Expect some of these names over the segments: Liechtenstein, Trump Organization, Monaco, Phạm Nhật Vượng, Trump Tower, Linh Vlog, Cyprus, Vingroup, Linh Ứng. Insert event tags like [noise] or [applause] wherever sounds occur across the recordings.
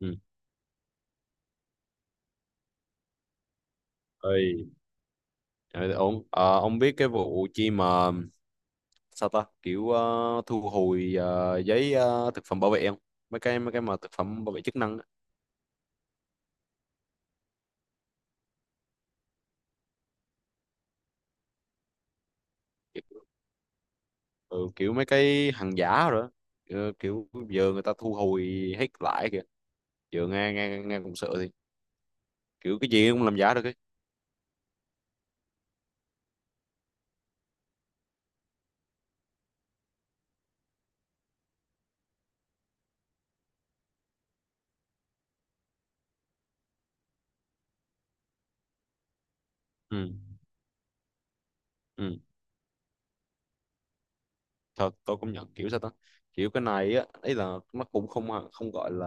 Ừ. Ơi, ờ, ổn. Ờ, ông biết cái vụ chi mà sao ta kiểu thu hồi giấy thực phẩm bảo vệ không? Mấy cái mà thực phẩm bảo vệ chức năng á. Kiểu, ừ, kiểu mấy cái hàng giả rồi á. Kiểu giờ người ta thu hồi hết lại kìa. Giờ nghe nghe nghe cũng sợ thì kiểu cái gì cũng làm giả được ấy. Ừ. Ừ. Thật tôi cũng nhận kiểu sao ta, kiểu cái này á, ấy là nó cũng không không gọi là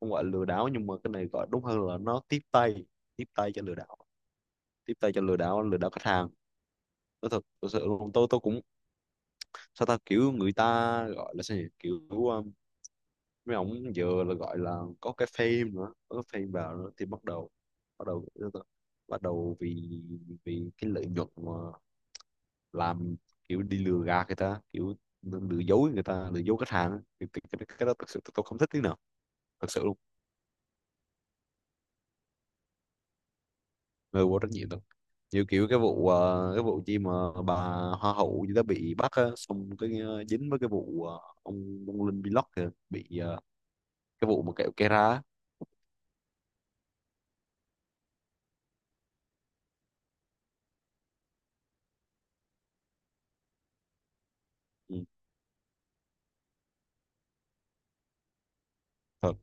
không gọi là lừa đảo, nhưng mà cái này gọi đúng hơn là nó tiếp tay cho lừa đảo, tiếp tay cho lừa đảo, lừa đảo khách hàng. Nói thật, thật sự luôn, tôi cũng sao ta, kiểu người ta gọi là sao nhỉ? Kiểu mấy ông giờ là gọi là có cái fame nữa, có cái fame vào nữa thì bắt đầu, bắt đầu, bắt đầu vì vì cái lợi nhuận mà làm, kiểu đi lừa gạt người ta, kiểu lừa dối người ta, lừa dối khách hàng á. Thì cái đó thật sự tôi không thích tí nào, thật sự luôn. Người vô trách nhiệm đâu, như kiểu cái vụ cái vụ chi mà bà hoa hậu gì đó bị bắt á, xong cái dính với cái vụ ông Linh Vlog kìa bị cái vụ mà kẹo cây á. Ừ. Thật.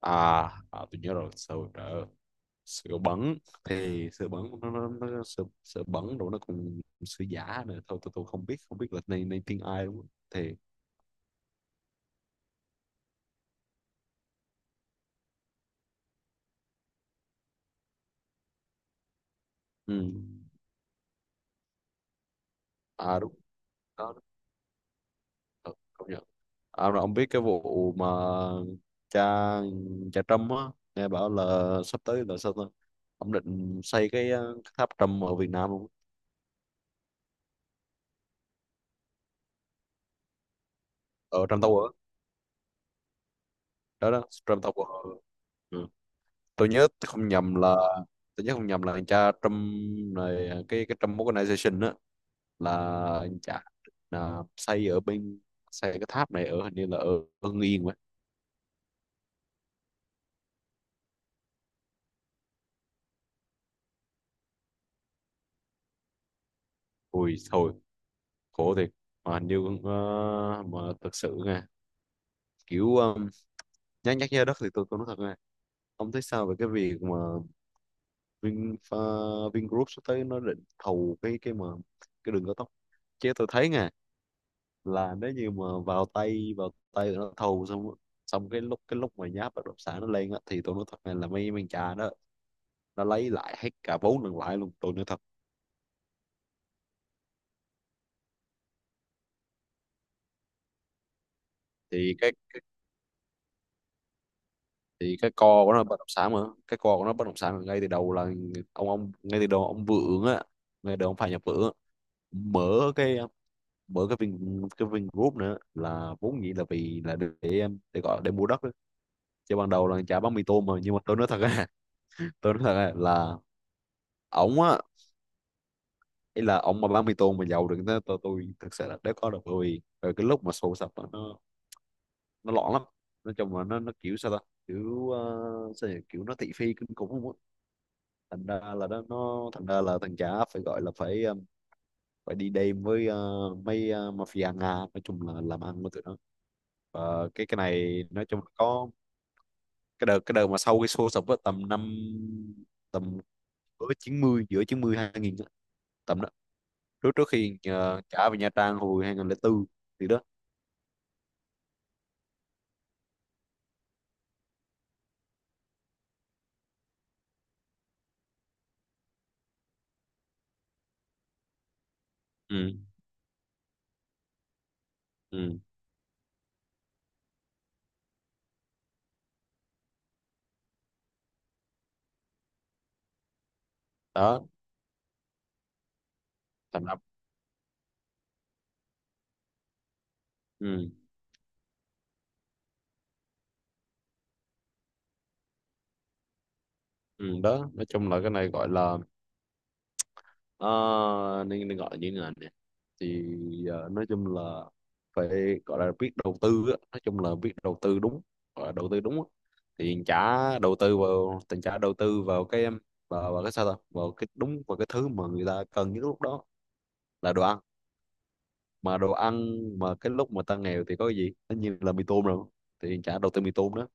À, à tôi nhớ rồi, sữa đỡ, sữa bẩn. Thì sữa bẩn nó sữa, sữa bẩn rồi nó còn sữa giả nữa. Thôi tôi không biết, không biết là này này tiếng ai đúng không thì. Ừ. À đúng đó, đó. Ông biết cái vụ mà cha cha Trâm á, nghe bảo là sắp tới là sao ta, ông định xây cái cái tháp Trump ở Việt Nam luôn, ở Trump Tower á. Đó đó, Trump Tower. Ừ. Tôi nhớ tôi không nhầm là, tôi nhớ không nhầm là cha Trump này cái Trump Organization á là cha, là xây ở bên, xây cái tháp này ở hình như là ở Hưng Yên vậy. Ui thôi, khổ thiệt. Mà hình như ờ, mà thực sự nghe kiểu nhắc, nhắc nhớ đất thì tôi cũng nói thật, ông thấy sao về cái việc mà Vinfa, Vingroup sắp tới nó định thầu cái mà cái đường cao tốc. Chứ tôi thấy nè, là nếu như mà vào tay, vào tay tụi nó thầu xong, xong cái lúc, cái lúc mà giá bất động sản nó lên á, thì tôi nói thật này là mấy mấy cha đó nó lấy lại hết cả vốn lẫn lãi luôn, tôi nói thật. Thì cái, thì cái co của nó bất động sản mà, cái co của nó bất động sản ngay từ đầu là, ông ngay từ đầu ông Vượng á, ngay từ đầu ông Phạm Nhật Vượng á, mở cái, bởi cái Vin, cái Vingroup nữa là vốn dĩ là vì là để gọi để mua đất á. Chứ ban đầu là chả bán mì tôm mà, nhưng mà tôi nói thật á [laughs] tôi nói thật á là ổng á, ý là ổng mà bán mì tôm mà giàu được thế, tôi thực sự là đéo có được, bởi vì bởi cái lúc mà sổ sập á, nó loạn lắm. Nói chung là nó kiểu sao ta, kiểu sao nhỉ? Kiểu nó thị phi kinh khủng luôn á. Thành ra là nó thành ra là thằng chả phải gọi là phải phải đi đêm với mấy mafia Nga, nói chung là làm ăn với tụi nó. Và cái này nói chung là có, cái đợt, cái đợt mà sau cái show sập á tầm năm, tầm giữa chín mươi, giữa 90 2000 á, tầm đó, trước, trước khi trả về Nha Trang hồi 2004, thì đó. Ừ, ừ, đó, thành lập. Ừ, ừ, đó nói chung là cái này gọi là, ờ, nên, nên gọi là như thế này nè, thì nói chung là phải gọi là biết đầu tư á. Nói chung là biết đầu tư đúng, gọi là đầu tư đúng á. Thì trả đầu tư vào tình, trả đầu tư vào cái em, vào, vào cái sao ta, vào cái đúng, vào cái thứ mà người ta cần nhất lúc đó là đồ ăn. Mà đồ ăn, mà cái lúc mà ta nghèo thì có cái gì, tất nhiên là mì tôm rồi, thì trả đầu tư mì tôm đó.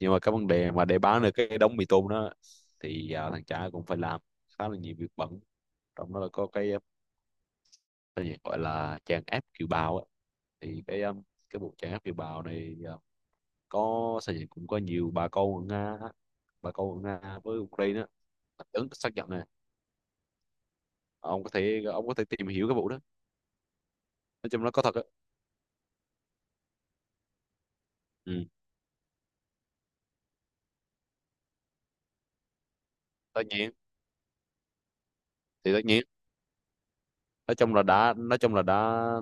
Nhưng mà cái vấn đề mà để bán được cái đống mì tôm đó thì à, thằng trả cũng phải làm khá là nhiều việc bận, trong đó là có cái gì gọi là tràn áp kiều bào á. Thì cái vụ tràn áp kiều bào này có sao nhỉ, cũng có nhiều bà con ở Nga á, bà con ở Nga với Ukraine á. Ứng xác nhận nè, ông có thể, ông có thể tìm hiểu cái vụ đó, nói chung nó có thật á. Ừ. Tất nhiên thì, tất nhiên nói chung là đã, nói chung là đã,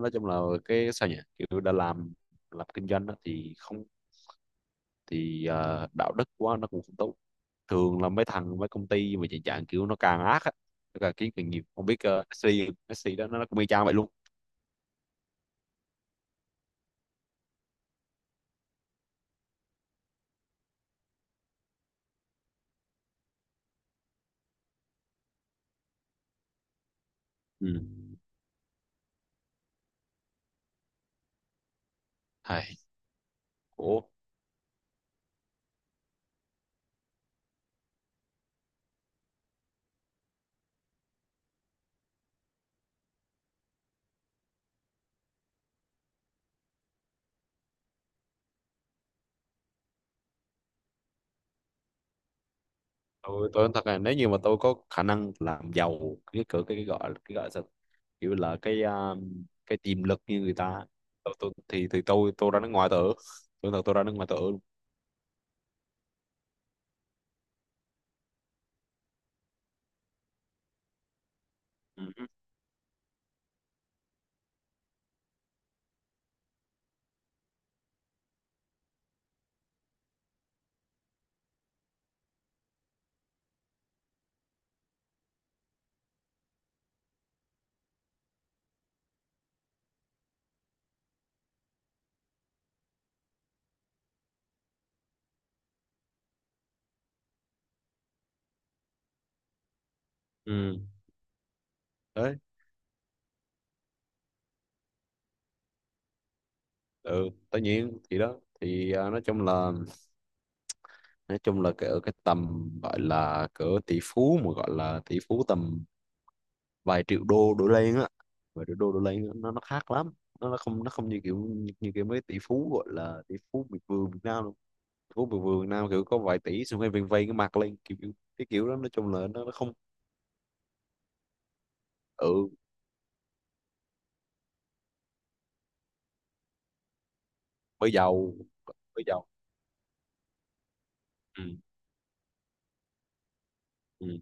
nói chung là cái sao nhỉ, kiểu đã làm kinh doanh á thì không, thì đạo đức quá nó cũng không tốt. Thường là mấy thằng, mấy công ty mà chạy dạng kiểu nó càng ác á, nó càng kiếm càng nhiều, không biết SC, SC đó nó cũng y chang vậy luôn. Ừ. Hay. Ủa, tôi nói thật là, nếu như mà tôi có khả năng làm giàu, cái cái gọi, cái gọi là sao, kiểu là cái cái tiềm lực như người ta, thì tôi ra nước ngoài tôi ở, tôi thật tôi ra nước ngoài tôi ở luôn. Ừ. Ừ. Đấy. Ừ, tất nhiên thì đó, thì à, nói chung là, nói chung là cái ở cái tầm gọi là cỡ tỷ phú, mà gọi là tỷ phú tầm vài triệu đô đổ lên á, vài triệu đô đổ lên á, nó khác lắm. Nó không, nó không như kiểu, như, như kiểu mấy tỷ phú gọi là tỷ phú miệt vườn Việt Nam đâu. Tỷ phú miệt vườn Việt Nam kiểu có vài tỷ xong rồi vây, vây cái mặt lên kiểu, kiểu- cái kiểu đó nói chung là nó không. Ừ, mới giàu. Mới giàu. Ừ. Ừ.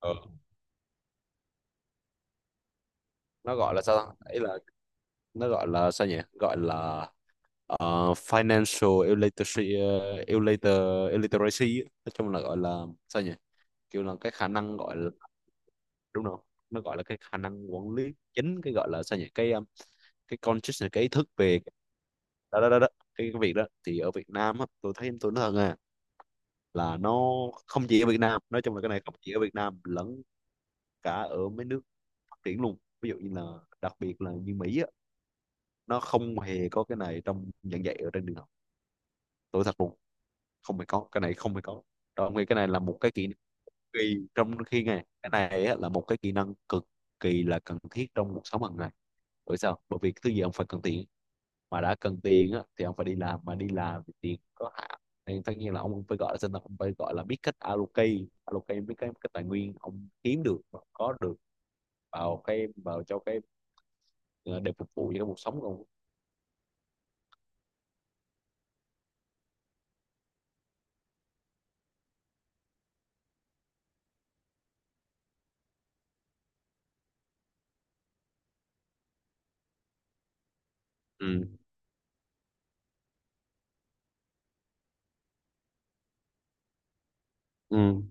Ờ. Nó gọi là sao ta? Ấy là nó gọi là sao nhỉ, gọi là financial illiteracy, illiter, illiteracy á. Nói chung là gọi là sao nhỉ, kiểu là cái khả năng gọi là, đúng không, nó gọi là cái khả năng quản lý chính, cái gọi là sao nhỉ, cái consciousness, cái ý thức về, đó đó đó, đó. Cái việc đó thì ở Việt Nam á, tôi thấy tôi nói thật à, là nó không chỉ ở Việt Nam, nói chung là cái này không chỉ ở Việt Nam lẫn cả ở mấy nước phát triển luôn, ví dụ như là đặc biệt là như Mỹ á, nó không hề có cái này trong giảng dạy ở trên trường học, tôi thật luôn. Không phải có cái này, không phải có. Đó, ông nghĩ cái này là một cái kỹ năng, kỳ, trong khi này cái này á, là một cái kỹ năng cực kỳ là cần thiết trong cuộc sống hàng ngày. Bởi sao? Bởi vì thứ gì ông phải cần tiền, mà đã cần tiền á thì ông phải đi làm, mà đi làm thì tiền có hạn, nên tất nhiên là ông phải gọi là sinh, ông phải gọi là biết cách allocate, allocate biết cái tài nguyên ông kiếm được và có được vào cái, vào cho cái ờ, để phục vụ cho cái cuộc sống của ông. Ừ. Ừ.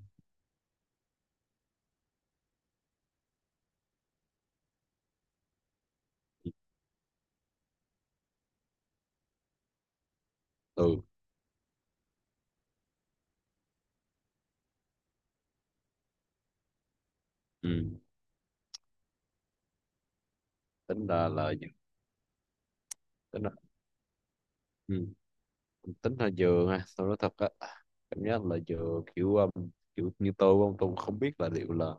Ừ. Ừ. Tính là, tính là, ừ, tính là dừa ha, tôi nói thật á, cảm giác là dừa kiểu kiểu như tôi không, tôi không biết là liệu là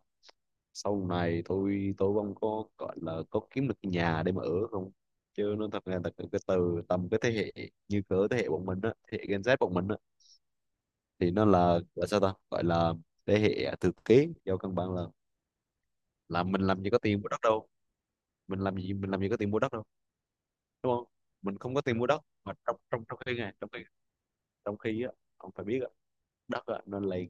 sau này tôi không có gọi là có kiếm được nhà để mà ở không. Chứ nó thật ra là cái từ tầm cái thế hệ như cỡ thế hệ bọn mình á, thế hệ Gen Z bọn mình á, thì nó là sao ta, gọi là thế hệ à, thừa kế, do căn bản là mình làm gì có tiền mua đất đâu, mình làm gì, mình làm gì có tiền mua đất đâu, đúng không? Mình không có tiền mua đất, mà trong, trong, trong khi này, trong khi, trong khi á, ông phải biết á, đất á, nó lên,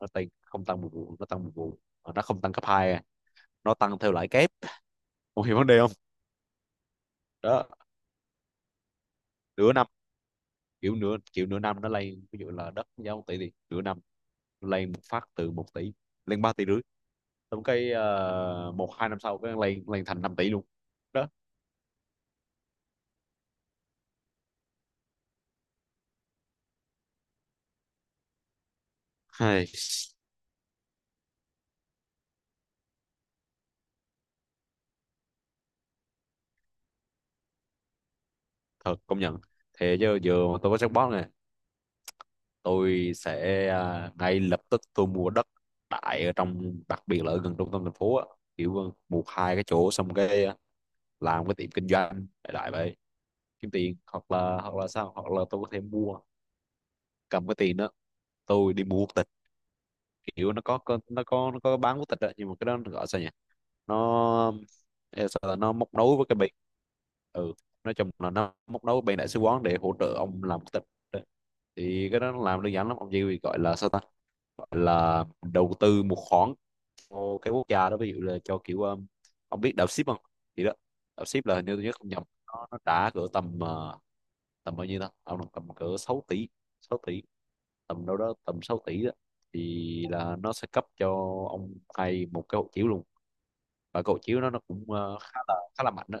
nó tăng, không tăng một vụ, nó tăng một vụ. Mà nó không tăng cấp hai à. Nó tăng theo lãi kép, không hiểu vấn đề không? Đó, nửa năm, kiểu nửa năm nó lên, ví dụ là đất giá một tỷ thì nửa năm nó lên một phát từ một tỷ lên ba tỷ rưỡi. Xong cái một hai năm sau cái lên lên thành năm tỷ luôn. Đó, hay thật, công nhận. Thế chứ giờ mà tôi có jackpot này, tôi sẽ ngay lập tức tôi mua đất, tại ở trong đặc biệt là ở gần trung tâm thành phố á, kiểu một hai cái chỗ, xong cái làm cái tiệm kinh doanh đại đại vậy kiếm tiền. Hoặc là hoặc là sao hoặc là tôi có thể mua, cầm cái tiền đó tôi đi mua quốc tịch. Kiểu nó nó có, nó bán quốc tịch đó, nhưng mà cái đó nó gọi sao nhỉ, nó ê, sao là nó móc nối với cái bên, ừ, nói chung là nó móc nối với bên đại sứ quán để hỗ trợ ông làm quốc tịch đó. Thì cái đó nó làm đơn giản lắm, ông chỉ gọi là sao ta, gọi là đầu tư một khoản cho cái quốc gia đó, ví dụ là cho kiểu ông biết đạo ship không, thì đó. Đạo ship là hình như tôi nhớ không nhầm nó trả cỡ tầm tầm bao nhiêu ta ông, tầm cỡ 6 tỷ, 6 tỷ, tầm đâu đó tầm 6 tỷ đó. Thì là nó sẽ cấp cho ông hay một cái hộ chiếu luôn, và cái hộ chiếu nó cũng khá là mạnh đó.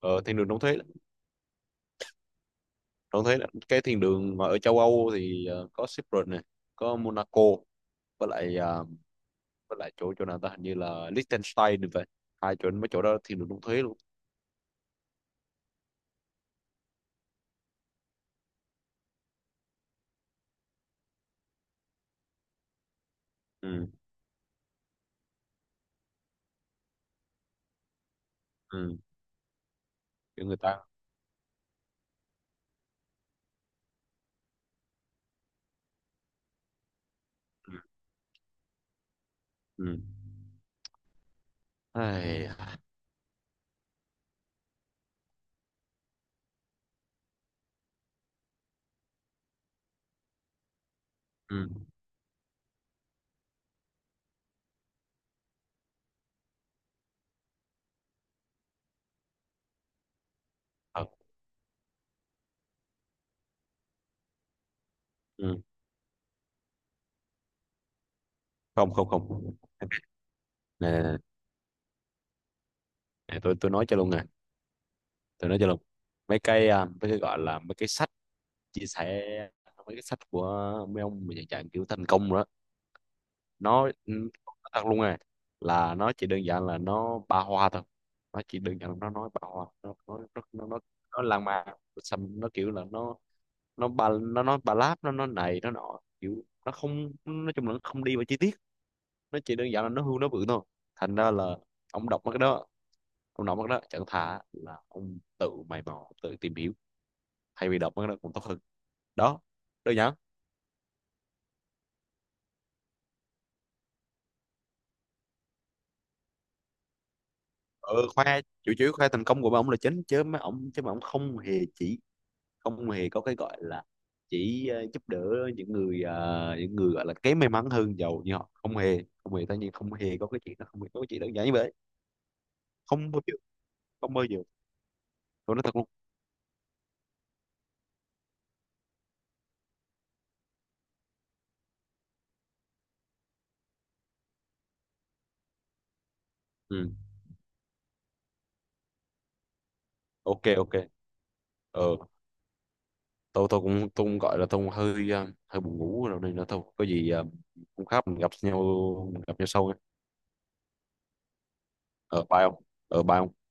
Ờ, thiên đường đóng thế, đóng thuế lắm. Cái thiên đường mà ở châu Âu thì ờ, có Cyprus này, có Monaco, với lại ờ, với lại chỗ chỗ nào ta, hình như là Liechtenstein thì vậy. Hai chỗ, mấy chỗ đó thiên đường đóng thuế luôn. Ừ, ừ, kiểu người ta, ừ, ừ, ai, ừ, ờ, ừ. Không, không, không. Nè, à, tôi nói cho luôn nè, tôi nói cho luôn, mấy cái mấy cái gọi là mấy cái sách chia sẻ, mấy cái sách của mấy ông mà dạng dạng kiểu thành công rồi đó, nó thật luôn nè, là nó chỉ đơn giản là nó ba hoa thôi. Nó chỉ đơn giản là nó nói ba hoa, nó nó lan man, xong nó kiểu là nó, nó nó nói ba láp, nó này nó nọ, kiểu nó không, nói chung là nó không đi vào chi tiết, nó chỉ đơn giản là nó hưu nó bự thôi. Thành ra là ông đọc mấy cái đó, ông nói mất đó chẳng thà là ông tự mày mò tự tìm hiểu, thay vì đọc mất đó cũng tốt hơn. Đó, đơn giản. Ừ, khoe chủ yếu khoe thành công của mấy ông là chính, chứ mấy ông, chứ mà ông không hề chỉ, không hề có cái gọi là chỉ giúp đỡ những người những người gọi là kém may mắn hơn giàu như họ. Không hề, không hề, tất nhiên không hề có cái chuyện đó, không hề có cái chuyện đơn giản như vậy. Không bao giờ, không bao giờ, tôi nói thật luôn. Ừ. Ok, ok, ờ, tôi cũng gọi là tôi cũng hơi hơi buồn ngủ rồi, nên là thôi, có gì ờ, hôm khác mình gặp nhau, mình gặp nhau sau nha. Ở, bye không, ở, bye không.